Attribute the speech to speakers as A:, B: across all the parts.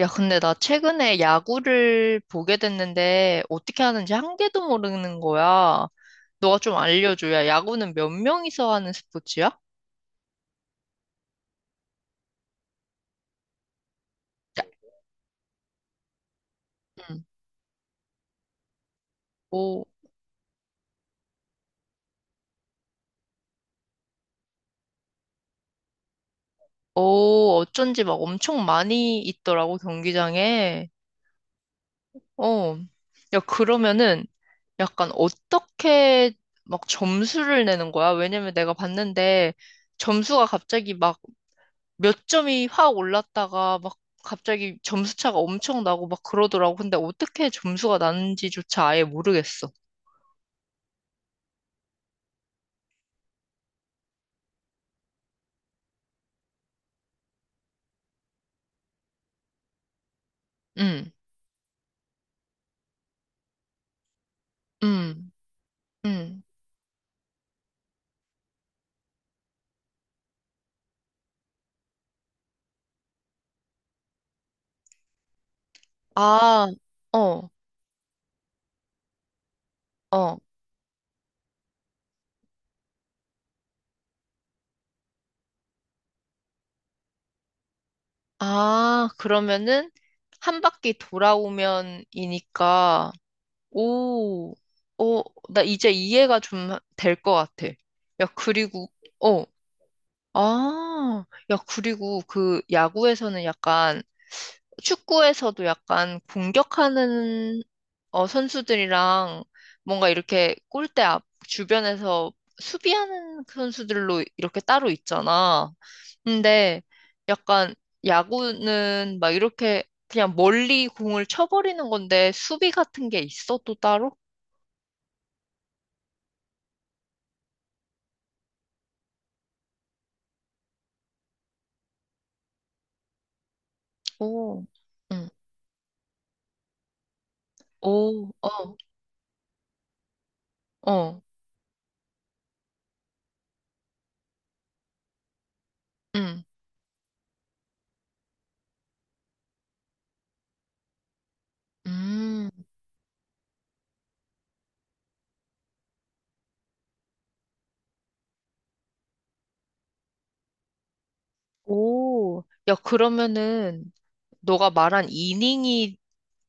A: 야, 근데 나 최근에 야구를 보게 됐는데 어떻게 하는지 한 개도 모르는 거야. 너가 좀 알려줘. 야, 야구는 몇 명이서 하는 스포츠야? 야, 응. 오, 오, 어쩐지 막 엄청 많이 있더라고, 경기장에. 어. 야, 그러면은 약간 어떻게 막 점수를 내는 거야? 왜냐면 내가 봤는데 점수가 갑자기 막 몇 점이 확 올랐다가 막 갑자기 점수 차가 엄청 나고 막 그러더라고. 근데 어떻게 점수가 나는지조차 아예 모르겠어. 응, 응, 응. 아, 어, 어. 아, 그러면은 한 바퀴 돌아오면이니까, 오, 오, 나 이제 이해가 좀 될 것 같아. 야, 그리고, 어, 아, 야, 그리고 그 야구에서는 약간 축구에서도 약간 공격하는 선수들이랑 뭔가 이렇게 골대 앞 주변에서 수비하는 그 선수들로 이렇게 따로 있잖아. 근데 약간 야구는 막 이렇게 그냥 멀리 공을 쳐버리는 건데 수비 같은 게 있어 또 따로? 오, 응. 오, 어, 어, 응, 음. 오, 야, 그러면은, 너가 말한 이닝이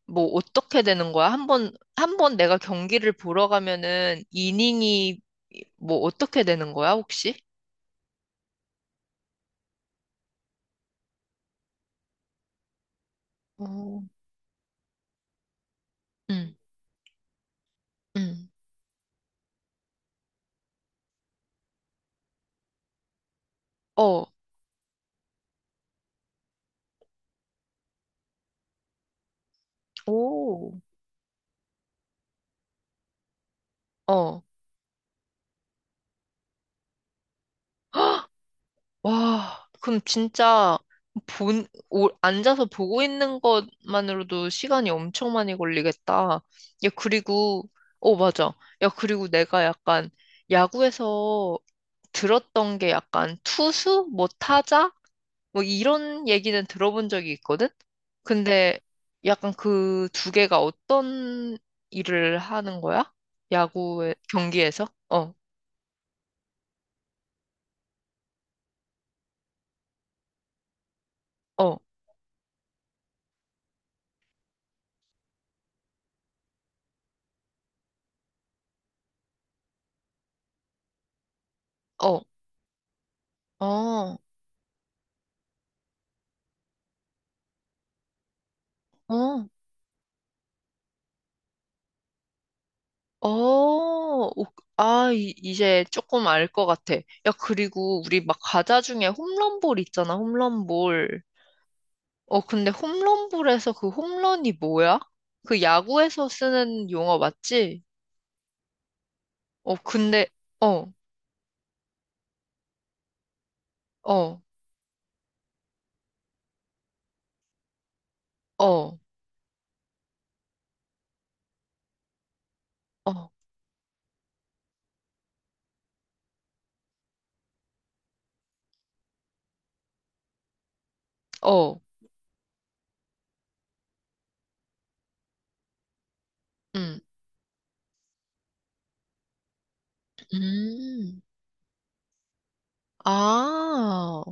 A: 뭐 어떻게 되는 거야? 한 번, 한 번 내가 경기를 보러 가면은 이닝이 뭐 어떻게 되는 거야, 혹시? 어, 응, 응, 어, 오, 어. 헉, 와, 그럼 진짜 본, 오, 앉아서 보고 있는 것만으로도 시간이 엄청 많이 걸리겠다. 야, 그리고, 어, 맞아. 야, 그리고 내가 약간 야구에서 들었던 게 약간 투수? 뭐 타자? 뭐 이런 얘기는 들어본 적이 있거든? 근데 약간 그 두 개가 어떤 일을 하는 거야? 야구의 경기에서? 어, 어, 어, 어, 어, 어, 오, 아, 이, 이제 조금 알 것 같아. 야, 그리고 우리 막 과자 중에 홈런볼 있잖아, 홈런볼. 어, 근데 홈런볼에서 그 홈런이 뭐야? 그 야구에서 쓰는 용어 맞지? 어, 근데, 어, 어, 어, 어, 어, 음, 음, 아,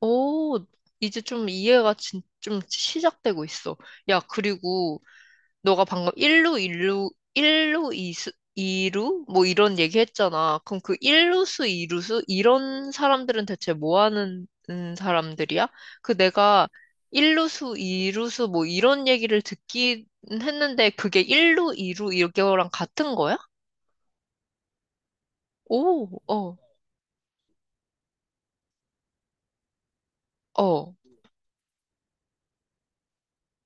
A: 오, 이제 좀 이해가 진, 좀 시작되고 있어. 야, 그리고 너가 방금 1루, 일루 1루, 2수, 이루 뭐 이런 얘기 했잖아. 그럼 그 1루수, 2루수? 이런 사람들은 대체 뭐 하는 사람들이야? 그 내가 1루수, 2루수 뭐 이런 얘기를 듣긴 했는데 그게 1루, 2루 이거랑 같은 거야? 오, 어, 어,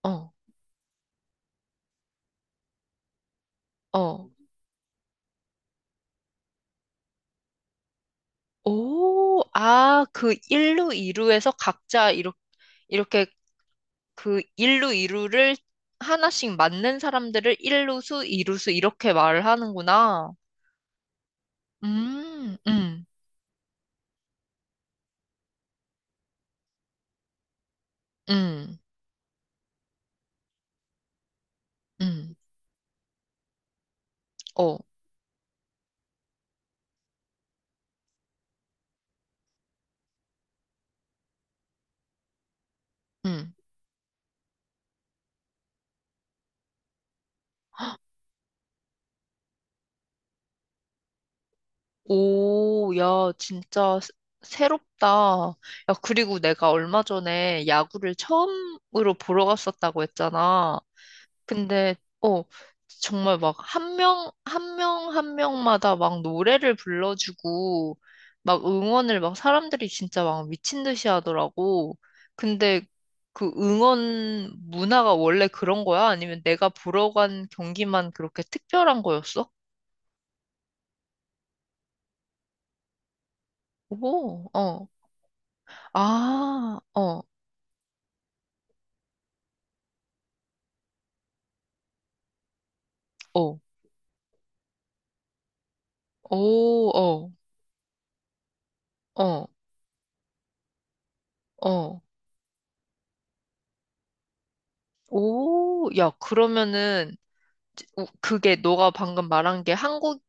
A: 어, 어. 오, 아, 그 1루, 2루에서 각자 이렇게 그 일루 이루를 하나씩 맞는 사람들을 일루수, 이루수 이렇게 말을 하는구나. 음, 음, 음, 음, 어, 음. 오, 야, 진짜 새롭다. 야, 그리고 내가 얼마 전에 야구를 처음으로 보러 갔었다고 했잖아. 근데, 어, 정말 막 한 명, 한 명, 한 명마다 막 노래를 불러주고, 막 응원을 막 사람들이 진짜 막 미친 듯이 하더라고. 근데 그 응원 문화가 원래 그런 거야? 아니면 내가 보러 간 경기만 그렇게 특별한 거였어? 오, 어, 아, 어, 어, 오, 어, 어, 어, 오, 야, 그러면은, 우- 그게 너가 방금 말한 게 한국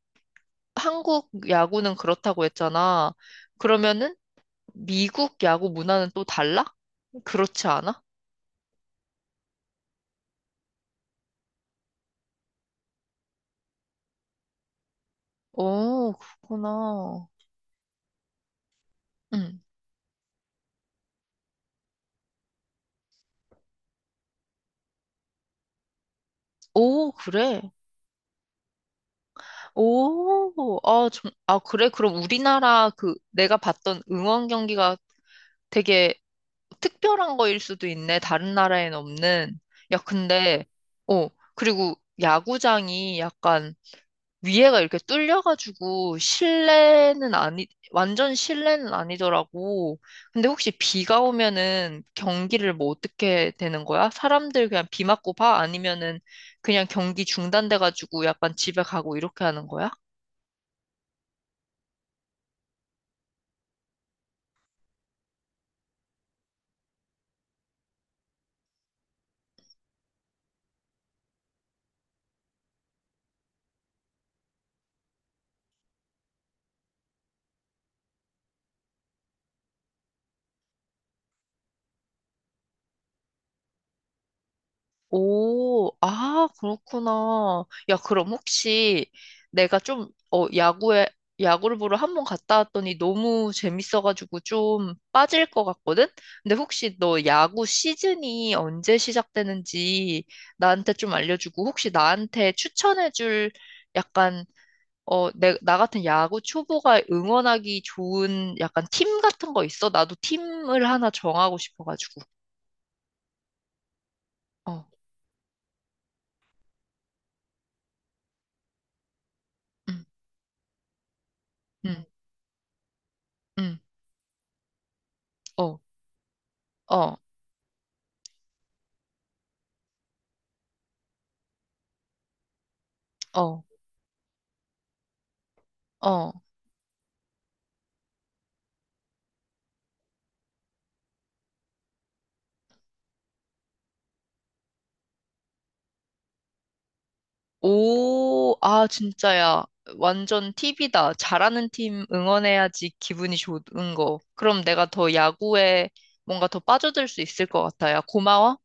A: 한국 야구는 그렇다고 했잖아. 그러면은 미국 야구 문화는 또 달라? 그렇지 않아? 오, 그렇구나. 응. 오, 그래. 오, 아, 좀, 아, 그래. 그럼 우리나라 그 내가 봤던 응원 경기가 되게 특별한 거일 수도 있네. 다른 나라엔 없는. 야, 근데, 어, 그리고 야구장이 약간 위에가 이렇게 뚫려가지고 실내는 아니, 완전 실내는 아니더라고. 근데 혹시 비가 오면은 경기를 뭐 어떻게 되는 거야? 사람들 그냥 비 맞고 봐? 아니면은 그냥 경기 중단돼가지고 약간 집에 가고 이렇게 하는 거야? 오, 아, 그렇구나. 야, 그럼 혹시 내가 좀, 어, 야구를 보러 한 번 갔다 왔더니 너무 재밌어가지고 좀 빠질 것 같거든? 근데 혹시 너 야구 시즌이 언제 시작되는지 나한테 좀 알려주고 혹시 나한테 추천해줄 약간, 나 같은 야구 초보가 응원하기 좋은 약간 팀 같은 거 있어? 나도 팀을 하나 정하고 싶어가지고. 어, 응, 응, 응, 어. 어. 어, 어. 오, 아, 진짜야. 완전 팁이다. 잘하는 팀 응원해야지 기분이 좋은 거. 그럼 내가 더 야구에 뭔가 더 빠져들 수 있을 것 같아요. 고마워.